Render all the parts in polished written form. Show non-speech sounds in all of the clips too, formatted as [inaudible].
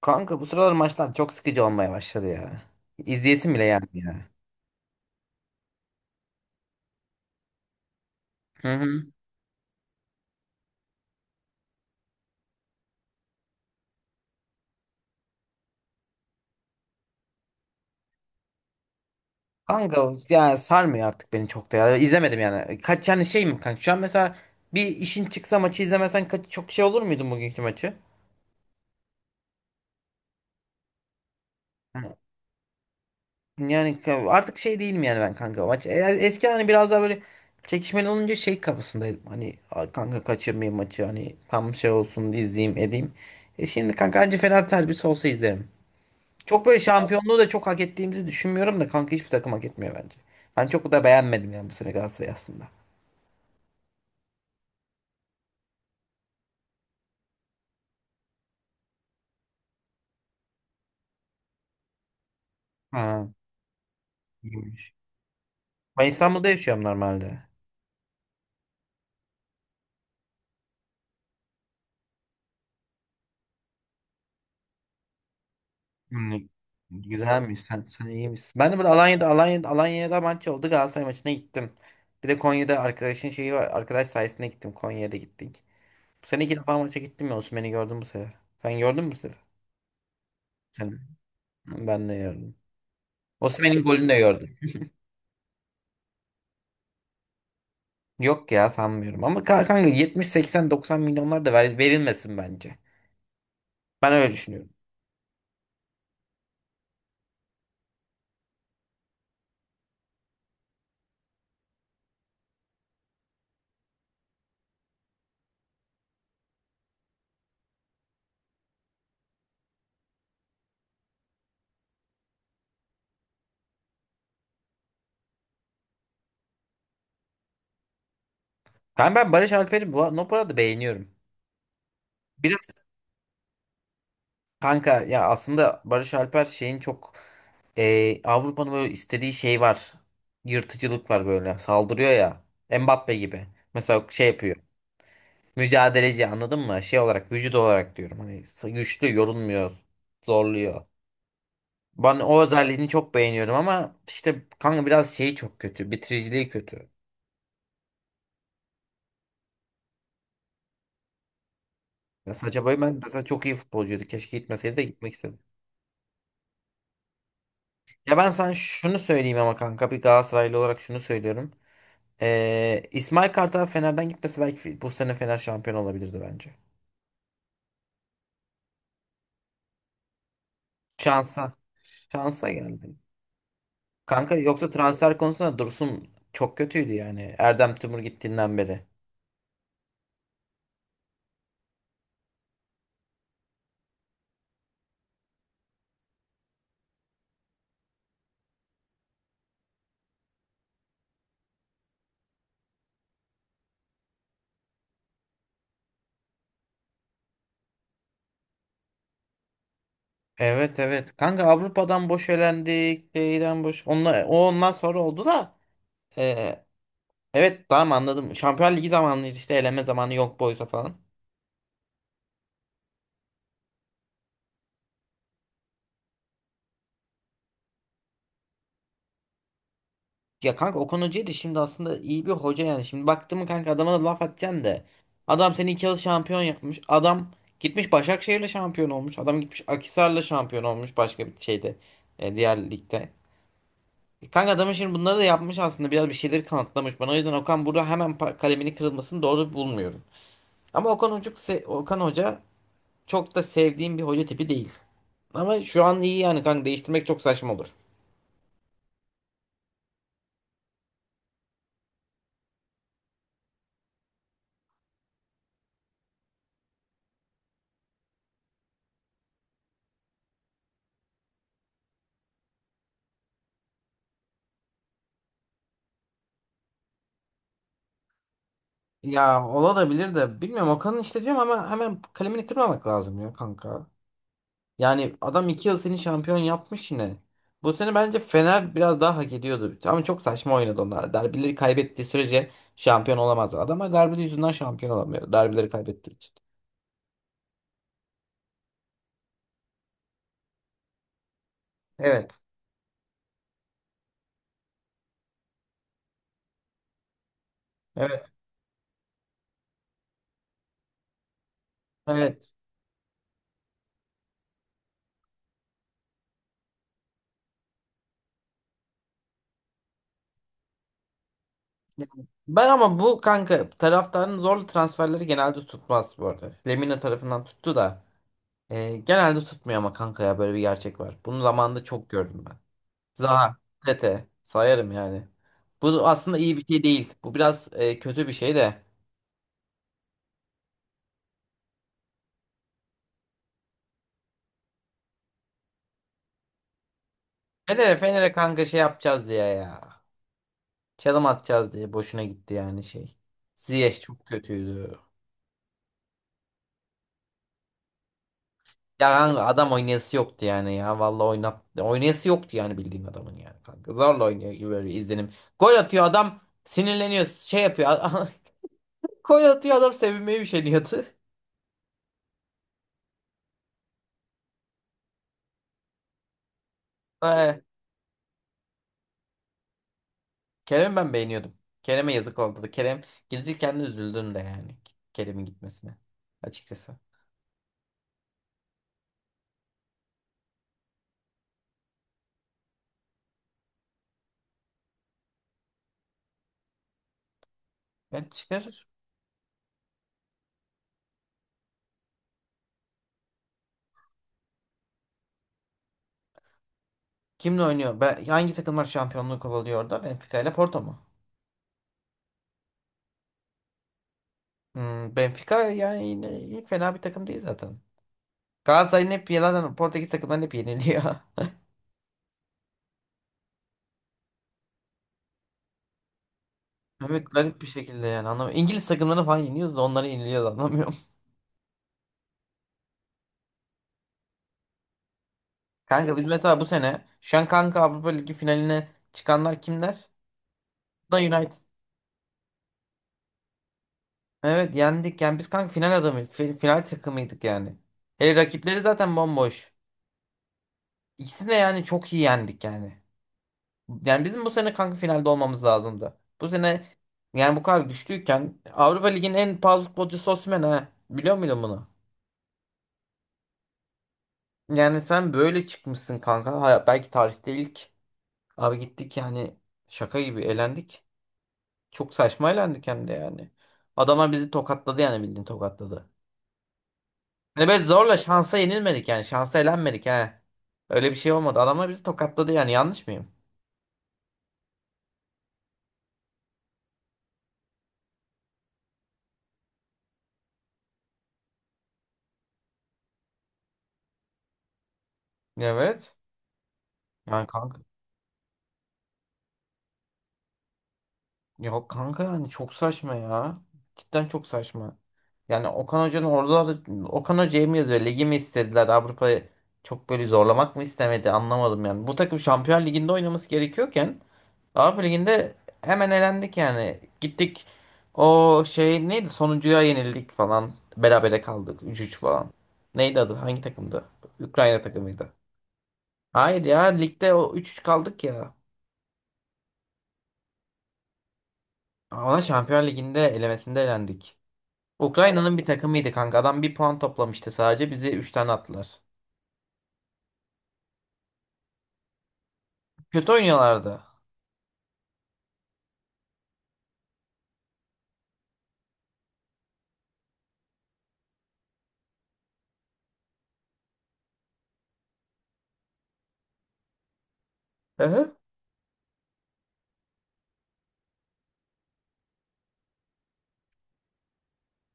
Kanka bu sıralar maçlar çok sıkıcı olmaya başladı ya. İzleyesim bile gelmiyor ya. Hı hı. Kanka yani sarmıyor artık beni çok da ya. İzlemedim yani. Kaç yani şey mi kanka? Şu an mesela bir işin çıksa maçı izlemesen kaç çok şey olur muydun bugünkü maçı? Hı. Yani artık şey değilim yani ben kanka maç. Eski hani biraz daha böyle çekişmeli olunca şey kafasındaydım. Hani "Aa, kanka kaçırmayayım maçı hani tam şey olsun izleyeyim edeyim." E şimdi kanka anca Fener derbisi olsa izlerim. Çok böyle şampiyonluğu da çok hak ettiğimizi düşünmüyorum da kanka hiçbir takım hak etmiyor bence. Ben çok da beğenmedim yani bu sene Galatasaray aslında. Ha, iyiymiş. Ben İstanbul'da yaşıyorum normalde. Hmm, güzelmiş. Sen iyi misin? Ben de böyle Alanya'da maç oldu, Galatasaray maçına gittim. Bir de Konya'da arkadaşın şeyi var. Arkadaş sayesinde gittim. Konya'ya da gittik. Bu sene iki defa maça gittim ya. Osimhen'i gördüm bu sefer. Sen gördün mü bu sefer? Sen- Ben de gördüm. Osimhen'in golünü de gördüm. Yok ya sanmıyorum. Ama kanka 70, 80, 90 milyonlar da verilmesin bence. Ben öyle düşünüyorum. Ben Barış Alper'i bu arada beğeniyorum. Biraz kanka ya aslında Barış Alper şeyin çok Avrupa'nın böyle istediği şey var. Yırtıcılık var böyle. Saldırıyor ya. Mbappe gibi. Mesela şey yapıyor. Mücadeleci, anladın mı? Şey olarak, vücut olarak diyorum. Hani güçlü, yorulmuyor. Zorluyor. Ben o özelliğini çok beğeniyorum ama işte kanka biraz şeyi çok kötü. Bitiriciliği kötü. Ya Sacha Boey ben mesela çok iyi futbolcuydu. Keşke gitmeseydi de gitmek istedim. Ya ben sana şunu söyleyeyim ama kanka, bir Galatasaraylı olarak şunu söylüyorum. İsmail Kartal Fener'den gitmesi belki bu sene Fener şampiyon olabilirdi bence. Şansa. Şansa geldi. Kanka yoksa transfer konusunda Dursun çok kötüydü yani. Erdem Tümur gittiğinden beri. Evet, evet. Kanka Avrupa'dan boş elendik. Şeyden boş. Onunla, o ondan sonra oldu da. ee, evet, tamam, anladım. Şampiyonlar Ligi zamanıydı işte, eleme zamanı, yok boysa falan. Ya kanka Okan Hoca'yı da şimdi aslında iyi bir hoca yani. Şimdi baktım kanka, adama da laf atacaksın da. Adam seni iki yıl şampiyon yapmış. Adam gitmiş Başakşehir'le şampiyon olmuş. Adam gitmiş Akhisar'la şampiyon olmuş başka bir şeyde. Diğer ligde. Kanka adamın şimdi bunları da yapmış aslında. Biraz bir şeyleri kanıtlamış bana. O yüzden Okan burada hemen kalemini kırılmasını doğru bulmuyorum. Ama Okan Hoca, Okan Hoca çok da sevdiğim bir hoca tipi değil. Ama şu an iyi yani kanka, değiştirmek çok saçma olur. Ya olabilir de, bilmiyorum, Okan'ın işte diyorum ama hemen kalemini kırmamak lazım ya kanka. Yani adam iki yıl seni şampiyon yapmış yine. Bu sene bence Fener biraz daha hak ediyordu. Ama çok saçma oynadı onlar. Derbileri kaybettiği sürece şampiyon olamaz. Adamlar derbi yüzünden şampiyon olamıyor. Derbileri kaybettiği için. Evet. Evet. Evet. Ben ama bu kanka taraftarın zorlu transferleri genelde tutmaz bu arada. Lemina tarafından tuttu da. Genelde tutmuyor ama kanka ya, böyle bir gerçek var. Bunu zamanında çok gördüm. Zaha, Tete sayarım yani. Bu aslında iyi bir şey değil. Bu biraz kötü bir şey de. Fener'e kanka şey yapacağız diye ya. Çalım atacağız diye boşuna gitti yani şey. Ziyech çok kötüydü. Ya kanka adam oynayası yoktu yani ya. Vallahi oynayası yoktu yani, bildiğin adamın yani kanka. Zorla oynuyor gibi böyle izlenim. Gol atıyor adam sinirleniyor şey yapıyor. [laughs] Gol atıyor adam sevinmeye bir şey. [laughs] Kerem'i ben beğeniyordum. Kerem'e yazık oldu da. Kerem gidilirken de üzüldüm de yani. Kerem'in gitmesine. Açıkçası. Ben çıkarır. Kimle oynuyor? Ben, hangi takımlar şampiyonluğu kovalıyor orada? Benfica ile Porto mu? Hmm, Benfica yani yine iyi, fena bir takım değil zaten. Galatasaray'ın hep yalan, Portekiz takımlarını hep yeniliyor. [laughs] Evet, garip bir şekilde yani anlamıyorum. İngiliz takımlarını falan yeniyoruz da onları yeniliyoruz, anlamıyorum. [laughs] Kanka biz mesela bu sene şu an kanka Avrupa Ligi finaline çıkanlar kimler? Da United. Evet, yendik. Yani biz kanka final adamı, final takımıydık yani. Hele rakipleri zaten bomboş. İkisini de yani çok iyi yendik yani. Yani bizim bu sene kanka finalde olmamız lazımdı. Bu sene yani bu kadar güçlüyken Avrupa Ligi'nin en pahalı futbolcusu Osimhen ha. Biliyor muydun bunu? Yani sen böyle çıkmışsın kanka. Ha, belki tarihte ilk. Abi gittik yani şaka gibi elendik. Çok saçma elendik hem de yani. Adamlar bizi tokatladı yani, bildiğin tokatladı. Hani böyle zorla şansa yenilmedik yani. Şansa elenmedik ha. Öyle bir şey olmadı. Adamlar bizi tokatladı yani. Yanlış mıyım? Evet. Yani kanka. Yok kanka, yani çok saçma ya. Cidden çok saçma. Yani Okan Hoca'nın orada Okan Hoca'ya mı yazıyor? Ligi mi istediler? Avrupa'yı çok böyle zorlamak mı istemedi? Anlamadım yani. Bu takım Şampiyon Ligi'nde oynaması gerekiyorken Avrupa Ligi'nde hemen elendik yani. Gittik, o şey neydi, sonuncuya yenildik falan. Berabere kaldık, üç üç falan. Neydi adı? Hangi takımdı? Ukrayna takımıydı. Hayır ya, ligde o üç üç kaldık ya. Ona Şampiyonlar Ligi'nde elemesinde elendik. Ukrayna'nın bir takımıydı kanka. Adam bir puan toplamıştı sadece. Bizi 3 tane attılar. Kötü oynuyorlardı. Hı hı.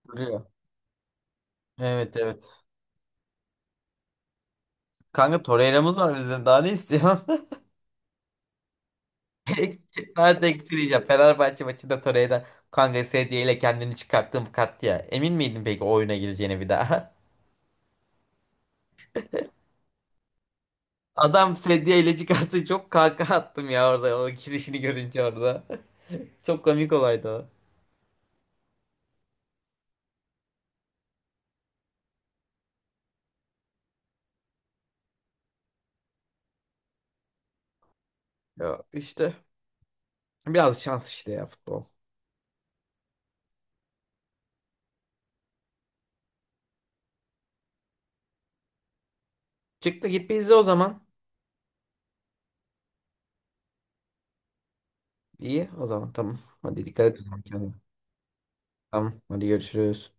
Duruyor. Evet, evet. Kanka Torreira'mız var bizim. Daha ne istiyor? [laughs] Ek- Sana tek bir şey diyeceğim. Fenerbahçe maçında Torreira kanka sedye ile kendini çıkarttığım kart ya. Emin miydin peki o oyuna gireceğine bir daha? [laughs] Adam sedye ile çıkarttı, çok kaka attım ya orada, o girişini görünce orada. [laughs] Çok komik olaydı o. Ya işte biraz şans işte ya, futbol. Çıktı, git bir izle o zaman. İyi, o zaman tamam. Hadi, dikkat et o zaman kendine. Tamam, hadi görüşürüz.